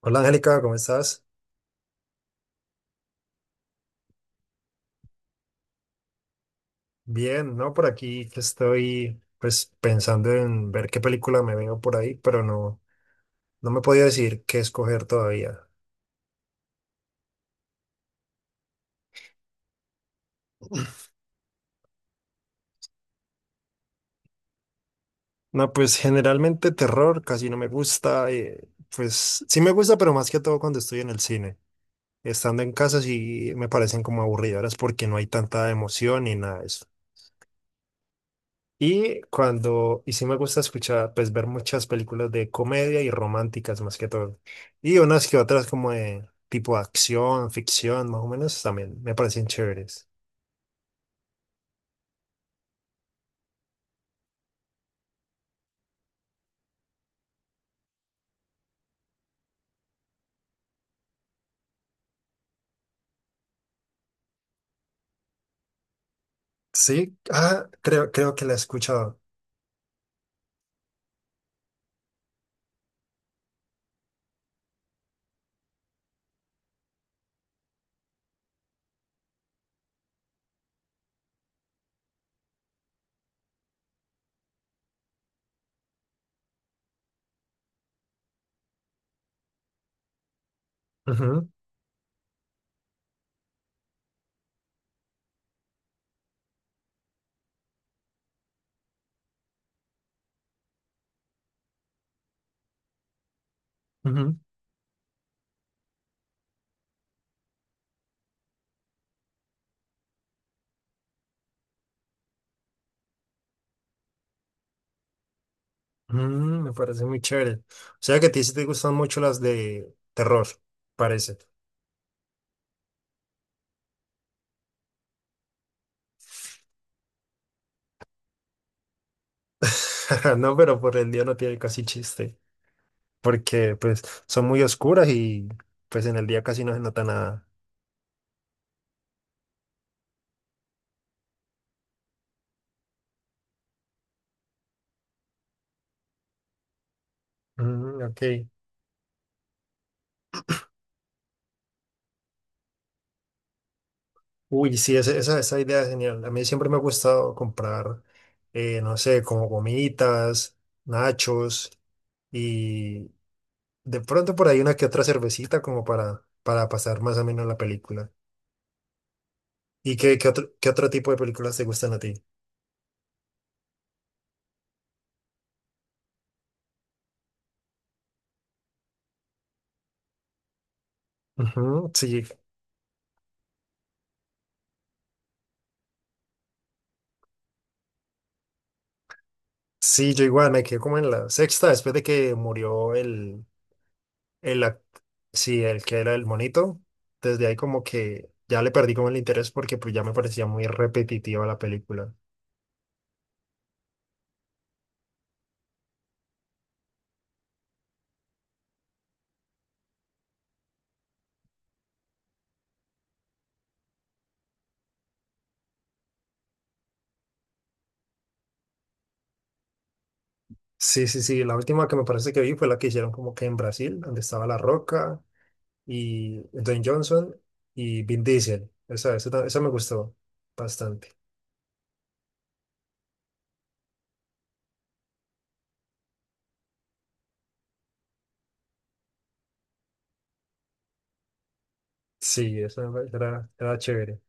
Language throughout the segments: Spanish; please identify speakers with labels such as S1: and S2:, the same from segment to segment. S1: Hola Angélica, ¿cómo estás? Bien, no, por aquí que estoy pues pensando en ver qué película me veo por ahí, pero no, no me podía decir qué escoger todavía. No, pues generalmente terror casi no me gusta, pues sí me gusta, pero más que todo cuando estoy en el cine. Estando en casa sí me parecen como aburridoras porque no hay tanta emoción ni nada. Y sí me gusta escuchar, pues ver muchas películas de comedia y románticas más que todo. Y unas que otras como de tipo acción, ficción, más o menos también me parecen chéveres. Sí, ah, creo que la he escuchado. Ujú, ujú. Me parece muy chévere. O sea que a ti sí te gustan mucho las de terror, parece. No, pero por el día no tiene casi chiste. Porque pues son muy oscuras y pues en el día casi no se nota nada. Mm, ok. Uy, sí, esa idea es genial. A mí siempre me ha gustado comprar, no sé, como gomitas, nachos y de pronto por ahí una que otra cervecita como para pasar más o menos la película. ¿Y qué otro tipo de películas te gustan a ti? Ujú, sí, sí, yo igual me quedé como en la sexta después de que murió el, ac- sí, el que era el monito. Desde ahí como que ya le perdí como el interés porque pues ya me parecía muy repetitiva la película. Sí, sí, sí. La última que me parece que vi fue la que hicieron como que en Brasil, donde estaba La Roca y Dwayne Johnson y Vin Diesel. Esa me gustó bastante. Sí, esa era chévere.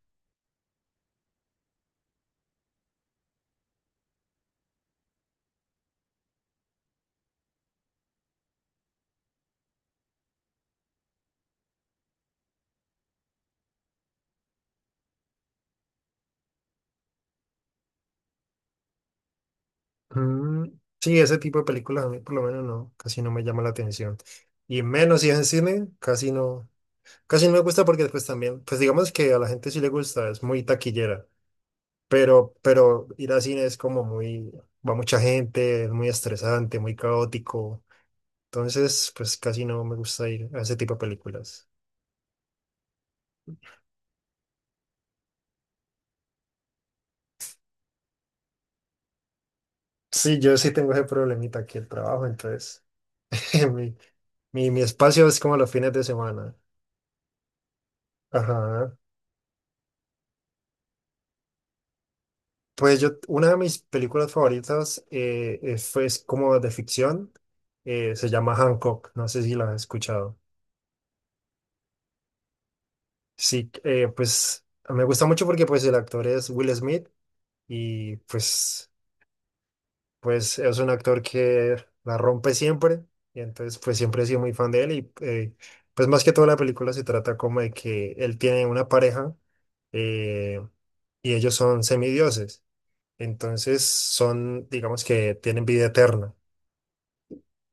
S1: Mm, sí, ese tipo de películas a mí por lo menos no, casi no me llama la atención. Y menos si es en cine, casi no me gusta porque pues también, pues digamos que a la gente sí le gusta, es muy taquillera. Pero ir al cine es como muy, va mucha gente, es muy estresante, muy caótico. Entonces, pues casi no me gusta ir a ese tipo de películas. Sí, yo sí tengo ese problemita aquí el trabajo, entonces mi, mi espacio es como los fines de semana. Ajá. Pues yo, una de mis películas favoritas es como de ficción, se llama Hancock, no sé si la has escuchado. Sí, pues me gusta mucho porque pues el actor es Will Smith y pues es un actor que la rompe siempre y entonces pues siempre he sido muy fan de él y pues más que toda la película se trata como de que él tiene una pareja eh, y ellos son semidioses, entonces son digamos que tienen vida eterna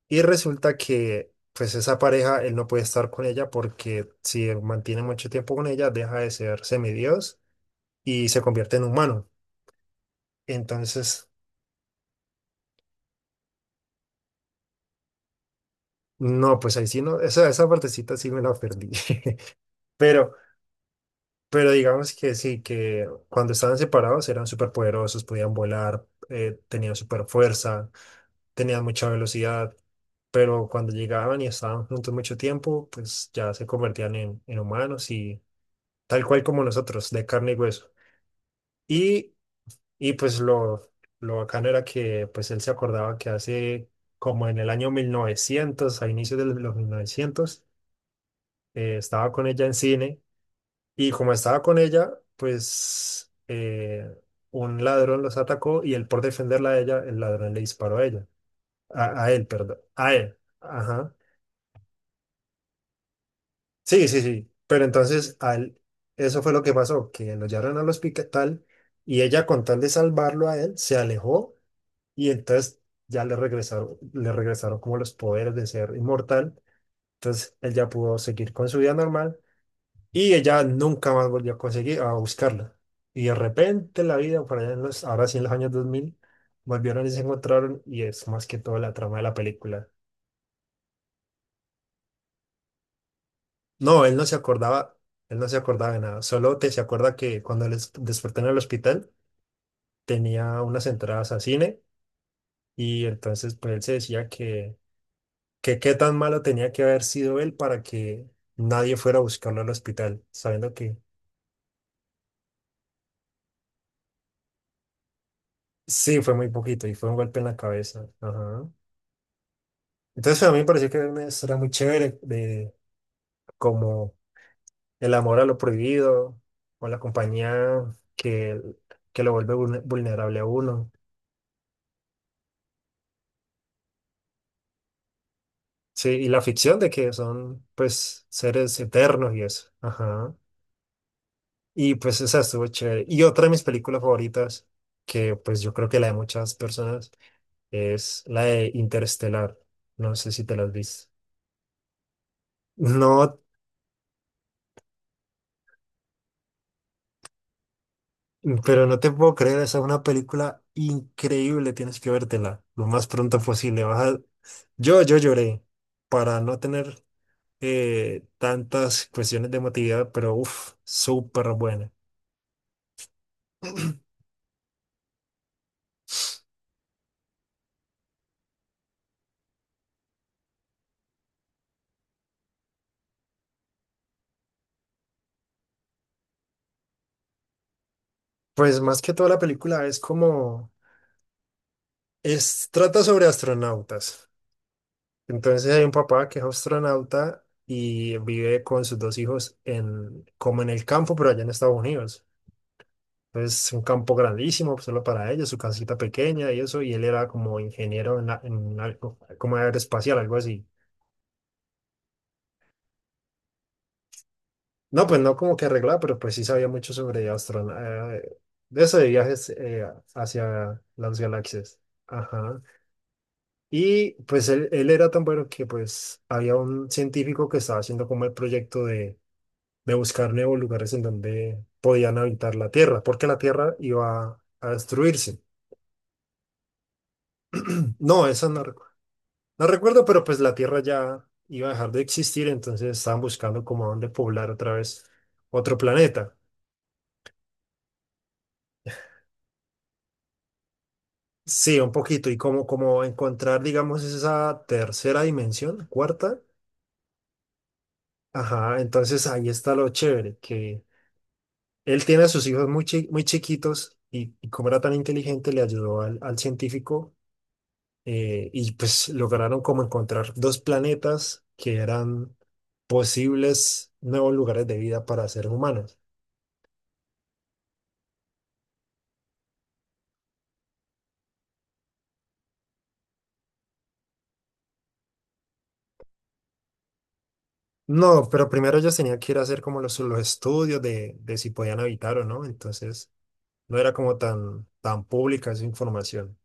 S1: y resulta que pues esa pareja él no puede estar con ella porque si él mantiene mucho tiempo con ella deja de ser semidios y se convierte en humano, entonces no, pues ahí sí no, esa partecita sí me la perdí. Pero, pero digamos que sí, que cuando estaban separados eran súper poderosos, podían volar, tenían súper fuerza, tenían mucha velocidad, pero cuando llegaban y estaban juntos mucho tiempo, pues ya se convertían en humanos y tal cual como nosotros, de carne y hueso. Y, y pues lo bacano era que pues él se acordaba que hace como en el año 1900 a inicios de los 1900, estaba con ella en cine. Y como estaba con ella, pues un ladrón los atacó y él por defenderla a ella, el ladrón le disparó a ella. A él, perdón. A él. Ajá. Sí, sí, sí. Pero entonces a él, eso fue lo que pasó, que lo llevaron al hospital y ella con tal de salvarlo a él, se alejó y entonces ya le regresaron como los poderes de ser inmortal. Entonces él ya pudo seguir con su vida normal. Y ella nunca más volvió a conseguir, a buscarla. Y de repente en la vida, por allá ahora sí en los años 2000, volvieron y se encontraron y es más que todo la trama de la película. No, él no se acordaba de nada. Solo te se acuerda que cuando les despertó en el hospital tenía unas entradas a cine y entonces pues él se decía que, qué tan malo tenía que haber sido él para que nadie fuera a buscarlo al hospital, sabiendo que, sí, fue muy poquito y fue un golpe en la cabeza. Ajá. Entonces a mí me pareció que era una historia muy chévere de como el amor a lo prohibido o la compañía que lo vuelve vulnerable a uno. Sí, y la ficción de que son pues seres eternos y eso. Ajá. Y pues esa estuvo chévere. Y otra de mis películas favoritas, que pues yo creo que la de muchas personas, es la de Interestelar. No sé si te la has visto. No. Pero no te puedo creer, esa es una película increíble, tienes que vértela lo más pronto posible. Yo lloré para no tener tantas cuestiones de emotividad, pero uff, súper buena. Pues más que toda la película trata sobre astronautas. Entonces hay un papá que es astronauta y vive con sus dos hijos como en el campo, pero allá en Estados Unidos. Pues un campo grandísimo pues, solo para ellos, su casita pequeña y eso, y él era como ingeniero en algo, como aeroespacial, algo así. No, pues no como que arreglaba, pero pues sí sabía mucho sobre astronautas, de eso de viajes hacia las galaxias. Ajá. Y pues él era tan bueno que pues había un científico que estaba haciendo como el proyecto de, buscar nuevos lugares en donde podían habitar la Tierra, porque la Tierra iba a destruirse. No, esa no. No recuerdo, pero pues la Tierra ya iba a dejar de existir, entonces estaban buscando como a dónde poblar otra vez otro planeta. Sí, un poquito, y como encontrar, digamos, esa tercera dimensión, cuarta. Ajá, entonces ahí está lo chévere, que él tiene a sus hijos muy chiquitos y como era tan inteligente, le ayudó al, científico y pues lograron como encontrar dos planetas que eran posibles nuevos lugares de vida para seres humanos. No, pero primero ellos tenían que ir a hacer como los estudios de si podían habitar o no, entonces no era como tan, tan pública esa información,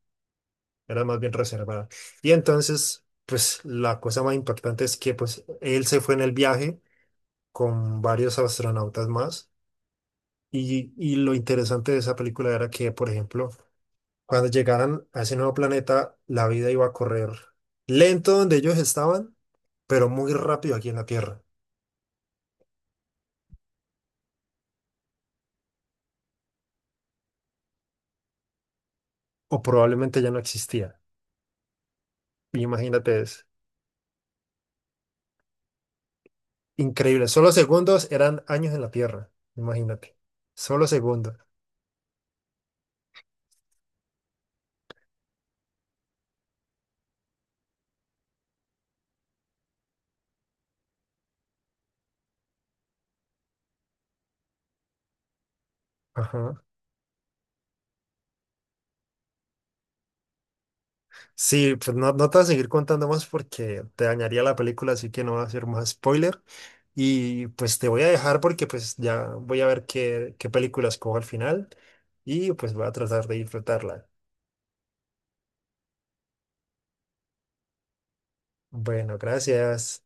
S1: era más bien reservada. Y entonces, pues la cosa más importante es que pues él se fue en el viaje con varios astronautas más y lo interesante de esa película era que, por ejemplo, cuando llegaran a ese nuevo planeta, la vida iba a correr lento donde ellos estaban, pero muy rápido aquí en la Tierra, o probablemente ya no existía. Imagínate, es increíble. Solo segundos eran años en la Tierra. Imagínate. Solo segundos. Ajá. Sí, pues no, no te voy a seguir contando más porque te dañaría la película, así que no voy a hacer más spoiler. Y pues te voy a dejar porque pues ya voy a ver qué película escojo al final y pues voy a tratar de disfrutarla. Bueno, gracias.